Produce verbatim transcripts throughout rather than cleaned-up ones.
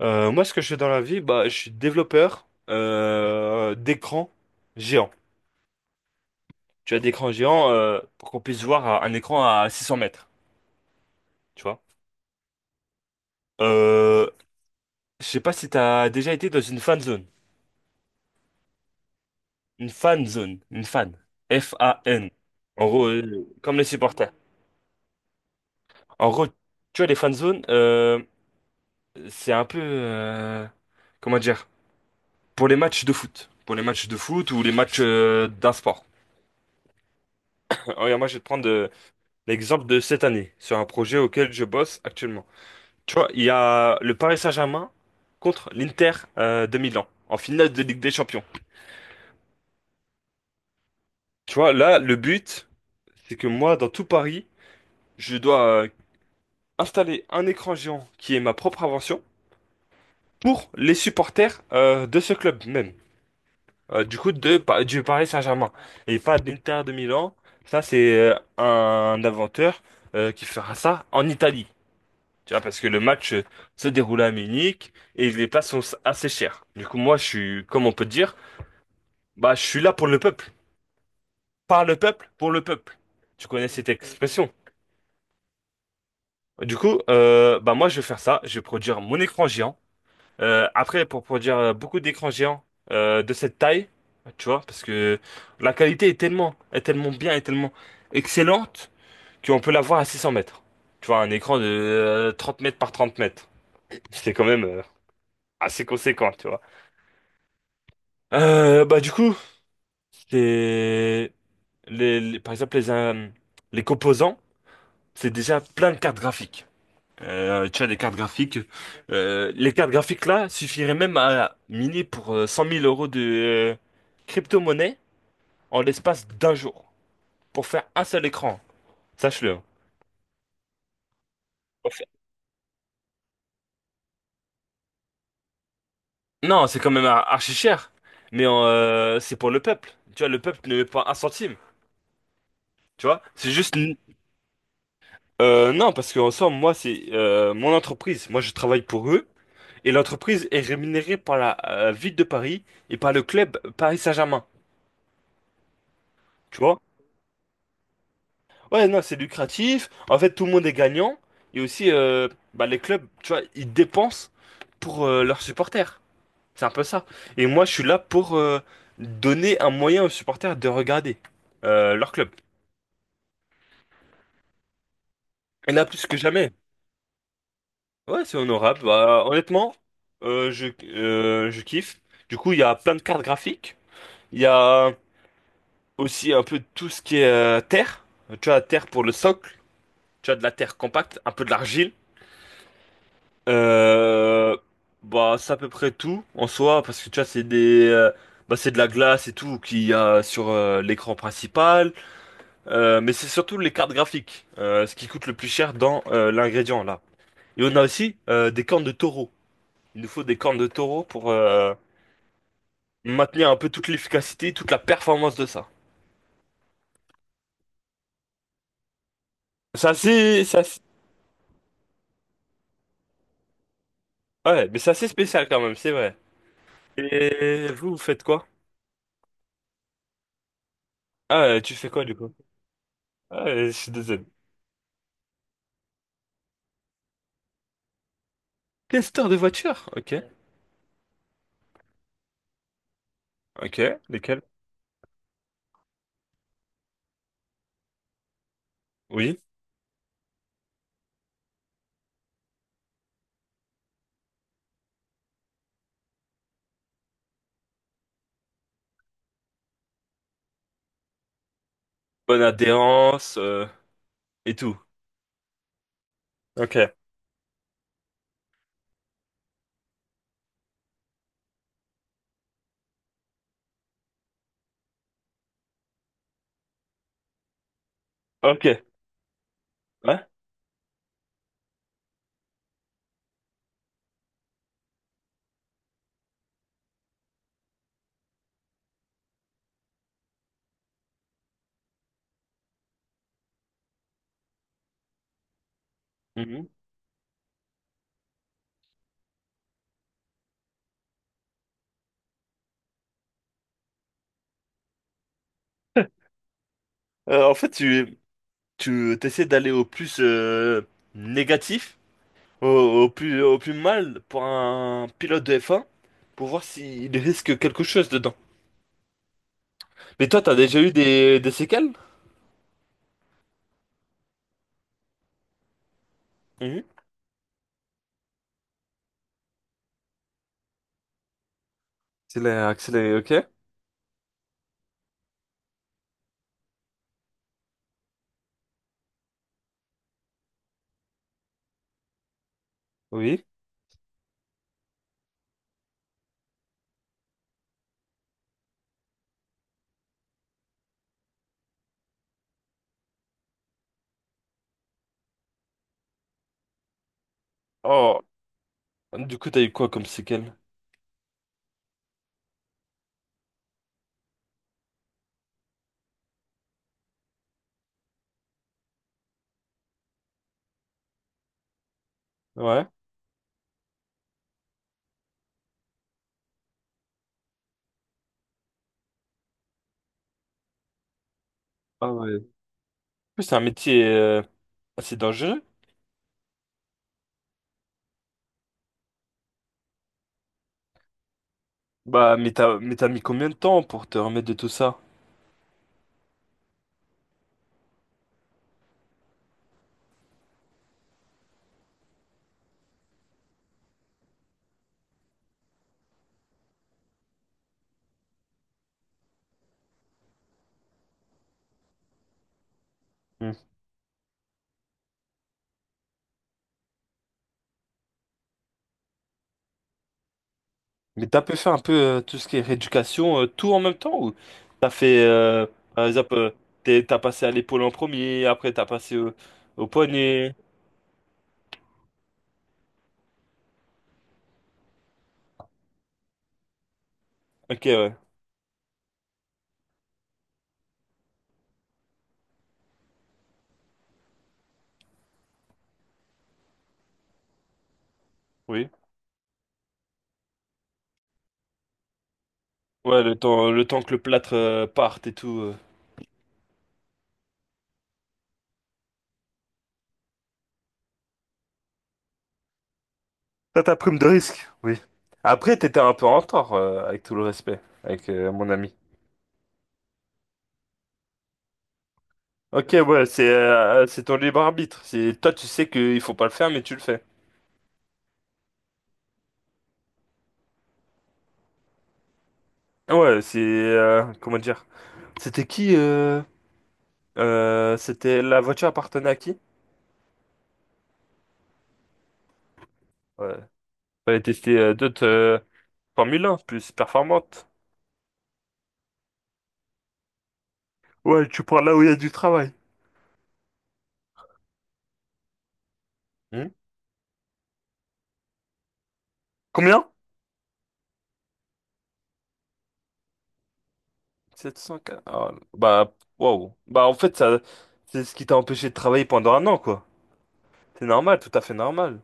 Euh, moi, ce que je fais dans la vie, bah, je suis développeur euh, d'écran géant. Tu as d'écran géant euh, pour qu'on puisse voir un un écran à six cents mètres, tu vois. Euh, je sais pas si t'as déjà été dans une fan zone. Une fan zone. Une fan. F-A-N. En gros, euh, comme les supporters. En gros, tu vois, les fan zones, euh, c'est un peu... euh, comment dire? Pour les matchs de foot. Pour les matchs de foot ou les matchs euh, d'un sport. Regarde, moi, je vais te prendre euh, l'exemple de cette année, sur un projet auquel je bosse actuellement. Tu vois, il y a le Paris Saint-Germain contre l'Inter euh, de Milan, en finale de Ligue des Champions. Tu vois, là, le but, c'est que moi, dans tout Paris, je dois euh, installer un écran géant qui est ma propre invention pour les supporters euh, de ce club même. Euh, du coup, de, Pa- du Paris Saint-Germain. Et pas de l'Inter de Milan. Ça, c'est euh, un inventeur euh, qui fera ça en Italie. Tu vois, parce que le match euh, se déroulait à Munich et les places sont assez chères. Du coup, moi, je suis, comme on peut dire, bah, je suis là pour le peuple. Par le peuple, pour le peuple. Tu connais cette expression. Du coup, euh, bah, moi, je vais faire ça. Je vais produire mon écran géant. Euh, après, pour produire euh, beaucoup d'écrans géants euh, de cette taille, tu vois, parce que la qualité est tellement, est tellement bien, est tellement excellente qu'on peut l'avoir à six cents mètres. Tu vois, un écran de euh, trente mètres par trente mètres. C'est quand même euh, assez conséquent, tu vois. Euh, bah du coup, les, les, les- par exemple les, euh, les composants, c'est déjà plein de cartes graphiques. Euh, tu as des cartes graphiques. Euh, les cartes graphiques là suffiraient même à miner pour euh, cent mille euros de euh, crypto-monnaie en l'espace d'un jour pour faire un seul écran. Sache-le, hein. Pour faire- Non, c'est quand même ar- archi cher, mais euh, c'est pour le peuple. Tu vois, le peuple ne met pas un centime. Tu vois, c'est juste. Euh, non, parce qu'en somme, moi, c'est euh, mon entreprise. Moi, je travaille pour eux. Et l'entreprise est rémunérée par la euh, ville de Paris et par le club Paris Saint-Germain. Tu vois? Ouais, non, c'est lucratif. En fait, tout le monde est gagnant. Et aussi, euh, bah, les clubs, tu vois, ils dépensent pour euh, leurs supporters. C'est un peu ça. Et moi, je suis là pour euh, donner un moyen aux supporters de regarder euh, leur club. Et là, plus que jamais. Ouais, c'est honorable. Bah, honnêtement, euh, je, euh, je kiffe. Du coup, il y a plein de cartes graphiques. Il y a aussi un peu tout ce qui est euh, terre. Tu as terre pour le socle. Tu as de la terre compacte, un peu de l'argile. Euh, Bah, c'est à peu près tout en soi, parce que tu vois, c'est des, euh, bah, c'est de la glace et tout qu'il y a sur euh, l'écran principal. Euh, mais c'est surtout les cartes graphiques, euh, ce qui coûte le plus cher dans euh, l'ingrédient là. Et on a aussi euh, des cornes de taureau. Il nous faut des cornes de taureau pour, euh, maintenir un peu toute l'efficacité, toute la performance de ça. C'est assez, c'est assez- Ouais, mais c'est assez spécial quand même, c'est vrai. Et vous, vous faites quoi? Ah, euh, tu fais quoi du coup? Ah, euh, je suis désolé. Testeur de voiture? Ok. Ok, lesquels? Oui. Bonne adhérence, euh, et tout. Ok. Ok. Ouais. Mhm. Euh, en fait, tu, tu t'essaies d'aller au plus euh, négatif, au, au plus, au plus mal pour un pilote de F un, pour voir s'il risque quelque chose dedans. Mais toi, t'as déjà eu des, des séquelles? Mhm. Accéléré, accéléré, ok. Oui. Oh, du coup, t'as eu quoi comme séquelles? Ouais. Ah ouais. En plus, c'est un métier euh, assez dangereux. Bah, mais t'as, mais t'as mis combien de temps pour te remettre de tout ça? Hmm. Mais t'as pu faire un peu euh, tout ce qui est rééducation, euh, tout en même temps? Ou t'as fait, euh, par exemple, euh, t'es- t'as passé à l'épaule en premier, après t'as passé au, au poignet. Ok, ouais. Oui. Ouais, le temps, le temps que le plâtre euh, parte et tout. euh. T'as ta prime de risque, oui. Après, t'étais un peu en retard, euh, avec tout le respect, avec euh, mon ami. Ok, ouais, c'est euh, c'est ton libre arbitre. C'est toi, tu sais qu'il faut pas le faire, mais tu le fais. Ouais, c'est euh, comment dire? C'était qui euh, euh, c'était la voiture appartenait à qui? Ouais. Fallait tester euh, d'autres euh, Formule un plus performantes. Ouais, tu prends là où il y a du travail. Hmm. Combien? sept cents. Ah, bah, waouh. Bah, en fait, ça, c'est ce qui t'a empêché de travailler pendant un an, quoi. C'est normal, tout à fait normal.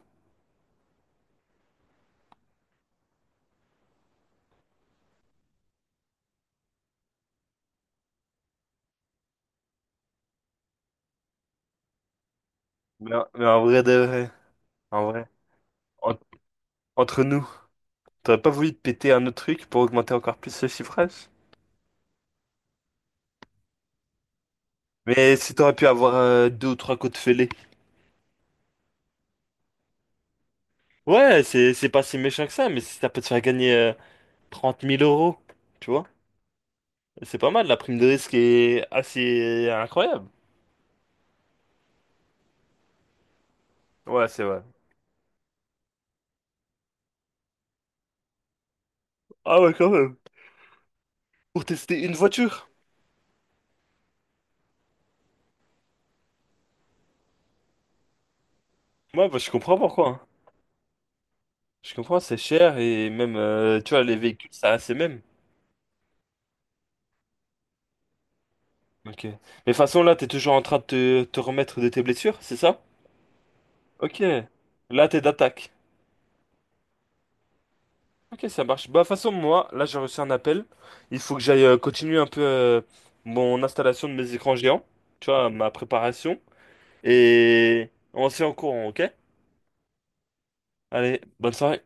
Mais en, mais en vrai de vrai, en vrai, en- entre nous, t'aurais pas voulu te péter un autre truc pour augmenter encore plus ce chiffrage? Mais si t'aurais pu avoir euh, deux ou trois coups de fêlé. Ouais, c'est c'est pas si méchant que ça, mais si ça peut te faire gagner euh, trente mille euros, tu vois? C'est pas mal, la prime de risque est assez incroyable. Ouais, c'est vrai. Ah ouais, quand même. Pour tester une voiture. Ouais, bah, je comprends pourquoi, hein. Je comprends, c'est cher et même, euh, tu vois, les véhicules, ça a ses mêmes. Ok. Mais de toute façon, là, t'es toujours en train de te, te remettre de tes blessures, c'est ça? Ok. Là, t'es d'attaque. Ok, ça marche. Bah, de toute façon, moi, là, j'ai reçu un appel. Il faut que j'aille euh, continuer un peu euh, mon installation de mes écrans géants. Tu vois, ma préparation. Et on se fait en courant, ok? Allez, bonne soirée.